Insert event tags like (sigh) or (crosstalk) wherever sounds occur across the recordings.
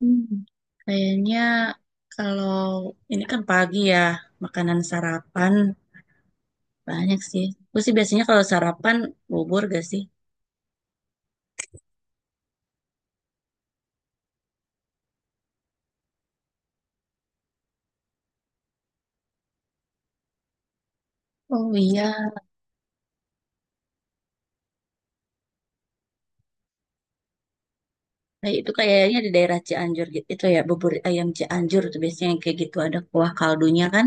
Hmm, Kayaknya kalau ini kan pagi ya, makanan sarapan banyak sih. Gue sih biasanya kalau sarapan bubur gak sih? Oh iya, kayak itu kayaknya di daerah Cianjur gitu itu ya, bubur ayam Cianjur tuh biasanya yang kayak gitu ada kuah kaldunya kan?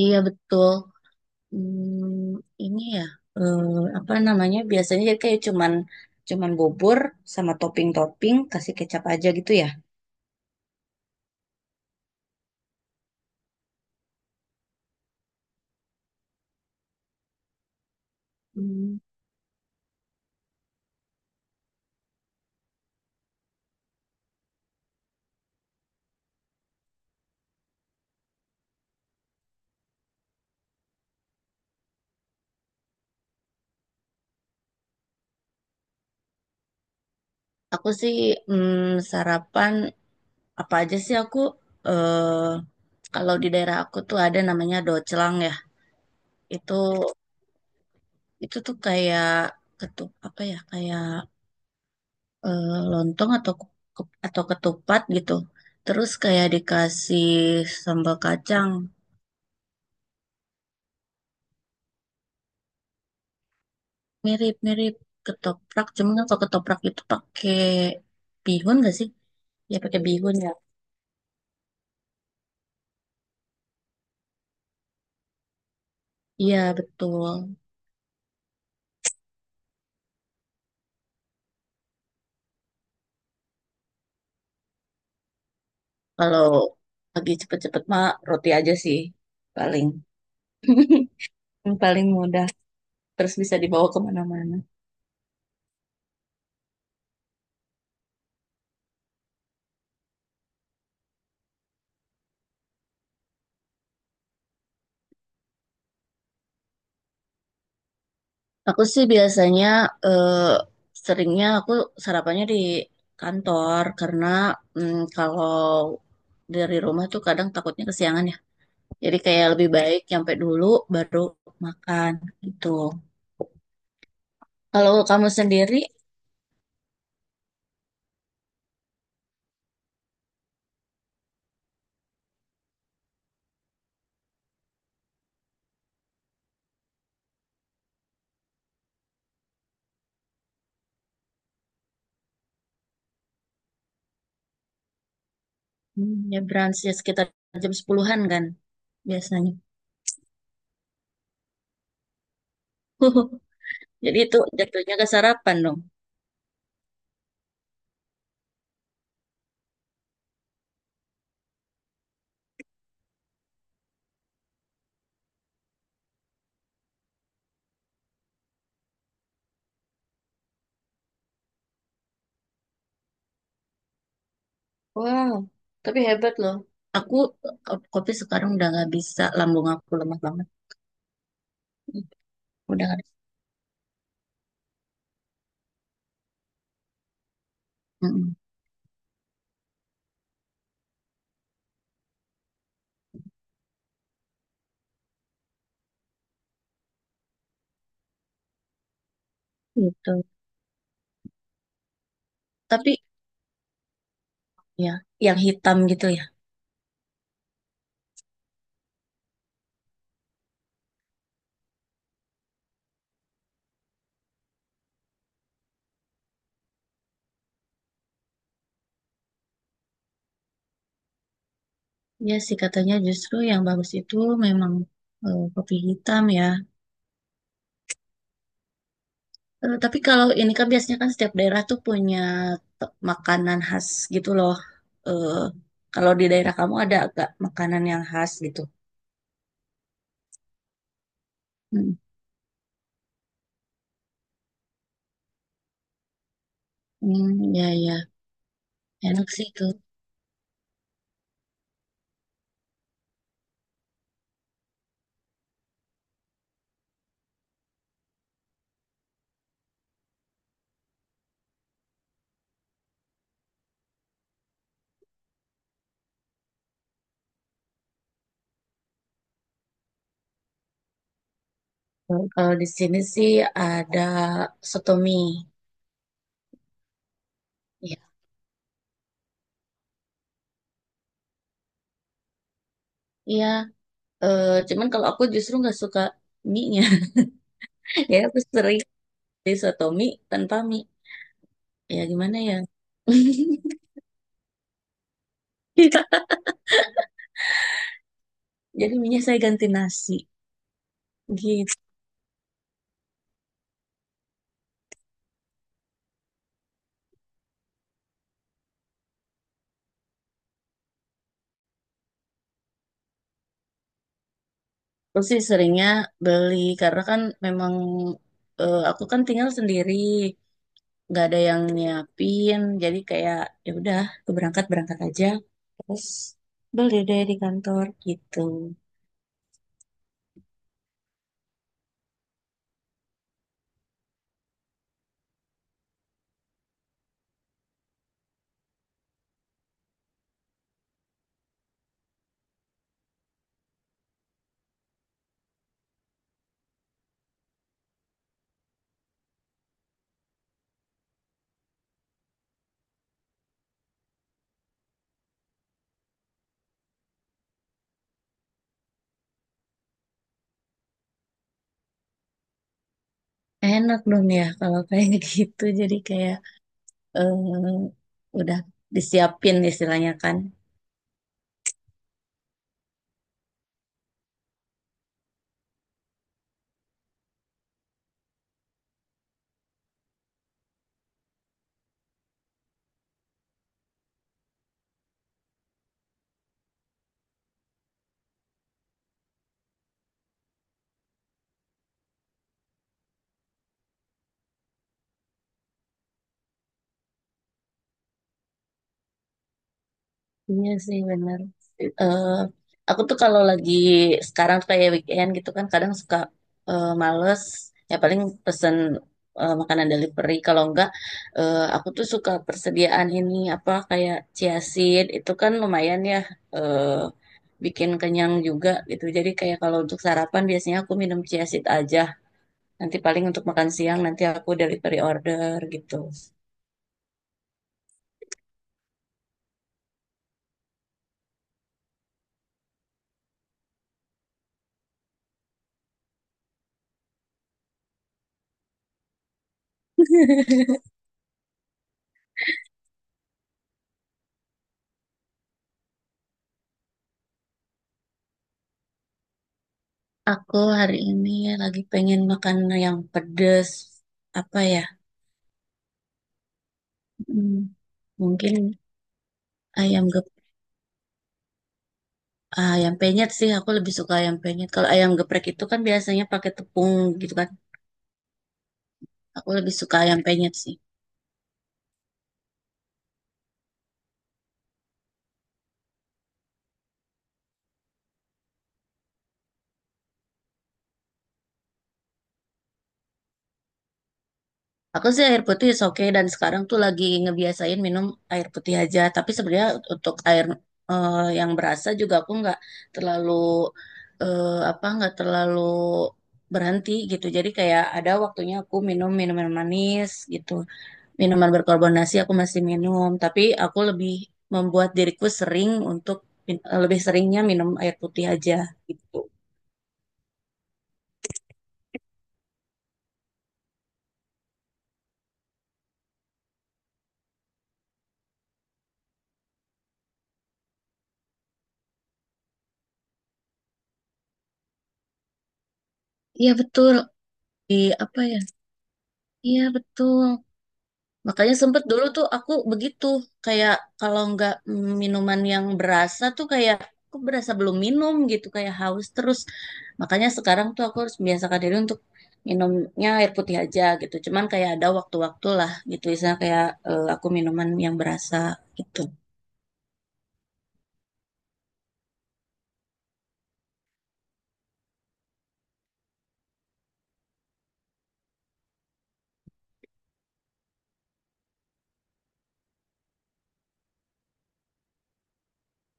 Iya betul. Hmm, ini ya eh, apa namanya? Biasanya jadi kayak cuman cuman bubur sama topping-topping kasih kecap aja gitu ya. Hmm, Aku sih mm, sarapan apa aja sih aku eh kalau di daerah aku tuh ada namanya docelang ya itu itu tuh kayak ketup apa ya kayak eh, lontong atau ku- atau ketupat gitu terus kayak dikasih sambal kacang mirip-mirip ketoprak cuman kan kalau ketoprak itu pakai bihun gak sih ya pakai bihun ya iya betul kalau lagi cepet-cepet mah roti aja sih paling. (laughs) Yang paling mudah terus bisa dibawa kemana-mana. Aku sih biasanya eh, seringnya aku sarapannya di kantor karena kalau dari rumah tuh kadang takutnya kesiangan ya. Jadi kayak lebih baik nyampe dulu baru makan gitu. Kalau kamu sendiri ya brunch ya sekitar jam 10-an an kan biasanya. (laughs) Jadi itu jatuhnya ke sarapan dong. Wow, tapi hebat loh. Aku kopi sekarang udah nggak bisa, lambung aku lemah banget. Udah nggak. Mm-mm. Gitu. Tapi ya, yang hitam gitu ya. Ya sih katanya justru yang bagus itu memang, kopi hitam ya. Eh, tapi kalau ini kan biasanya kan setiap daerah tuh punya te- makanan khas gitu loh. Eh, kalau di daerah kamu ada agak makanan yang khas gitu. Hmm, Hmm, ya ya, enak sih itu. Kalau di sini sih ada soto mie. Iya, iya. Eh, cuman kalau aku justru nggak suka mie-nya. (laughs) Ya aku sering disotomi tanpa mie. Ya gimana ya? (laughs) Jadi mie saya ganti nasi. Gitu. Terus sih seringnya beli karena kan memang, aku kan tinggal sendiri, nggak ada yang nyiapin. Jadi kayak ya udah, aku berangkat berangkat aja. Terus beli deh di kantor gitu. Enak dong ya kalau kayak (laughs) gitu. Jadi kayak eh, udah disiapin istilahnya kan. Iya sih bener. Eh aku tuh kalau lagi sekarang tuh kayak weekend gitu kan kadang suka males, ya paling pesen makanan delivery kalau enggak aku tuh suka persediaan ini apa kayak chia seed itu kan lumayan ya, eh bikin kenyang juga gitu. Jadi kayak kalau untuk sarapan biasanya aku minum chia seed aja. Nanti paling untuk makan siang nanti aku delivery order gitu. Aku hari ini lagi pengen makan yang pedes. Apa ya? Hmm, mungkin ayam gep ayam penyet sih. Aku lebih suka ayam penyet. Kalau ayam geprek itu kan biasanya pakai tepung gitu kan. Aku lebih suka ayam penyet sih. Aku sih air putih is oke dan sekarang tuh lagi ngebiasain minum air putih aja. Tapi sebenarnya untuk air yang berasa juga aku nggak terlalu eh, apa nggak terlalu berhenti gitu. Jadi kayak ada waktunya aku minum minuman manis gitu. Minuman berkarbonasi aku masih minum, tapi aku lebih membuat diriku sering untuk min- lebih seringnya minum air putih aja gitu. Iya betul. Di apa ya? Iya betul. Makanya sempet dulu tuh aku begitu kayak kalau nggak minuman yang berasa tuh kayak aku berasa belum minum gitu kayak haus terus. Makanya sekarang tuh aku harus membiasakan diri untuk minumnya air putih aja gitu. Cuman kayak ada waktu-waktu lah gitu. Misalnya kayak aku minuman yang berasa gitu.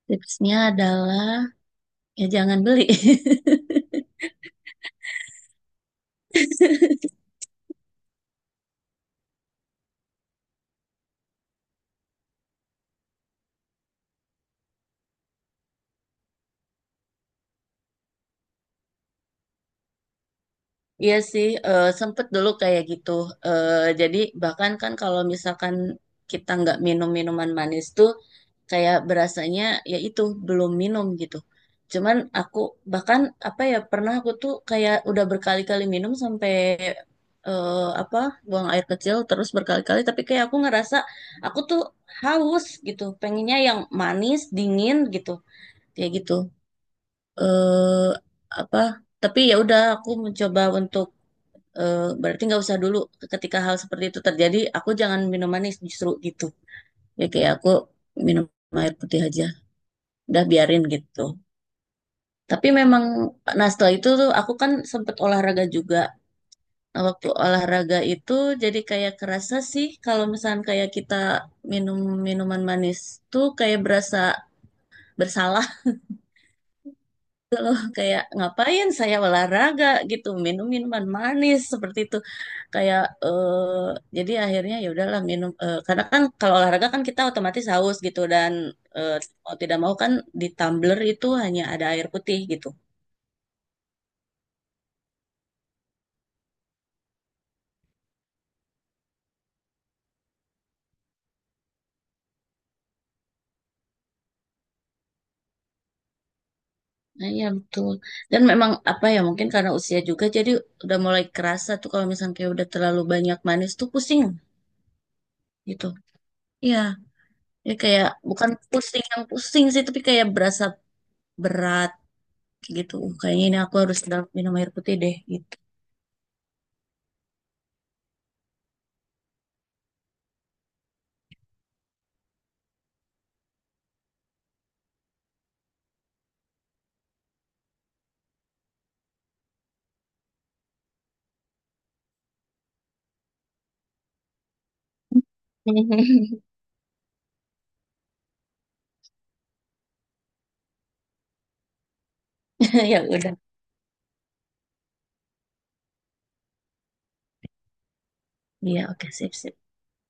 Tipsnya adalah ya jangan beli. (laughs) Iya sih, sempet dulu kayak gitu. Eh, jadi bahkan kan kalau misalkan kita nggak minum minuman manis tuh kayak berasanya ya itu belum minum gitu. Cuman aku bahkan apa ya pernah aku tuh kayak udah berkali-kali minum sampai eh, apa buang air kecil terus berkali-kali tapi kayak aku ngerasa aku tuh haus gitu, pengennya yang manis, dingin gitu. Kayak gitu. eh apa, tapi ya udah aku mencoba untuk berarti nggak usah dulu ketika hal seperti itu terjadi aku jangan minum manis justru gitu, ya kayak aku minum air putih aja udah biarin gitu tapi memang, nah setelah itu tuh aku kan sempet olahraga juga. Nah, waktu olahraga itu jadi kayak kerasa sih kalau misalnya kayak kita minum minuman manis tuh kayak berasa bersalah. (laughs) Loh kayak ngapain saya olahraga gitu minum minuman manis seperti itu kayak jadi akhirnya ya udahlah minum, karena kan kalau olahraga kan kita otomatis haus gitu dan eh, mau tidak mau kan di tumbler itu hanya ada air putih gitu. Nah, iya betul. Dan memang apa ya mungkin karena usia juga jadi udah mulai kerasa tuh kalau misalnya kayak udah terlalu banyak manis tuh pusing gitu. Iya, ya kayak bukan pusing yang pusing sih tapi kayak berasa berat gitu. Kayaknya ini aku harus minum air putih deh gitu. (laughs) Ya udah. Iya, oke, sip, sip.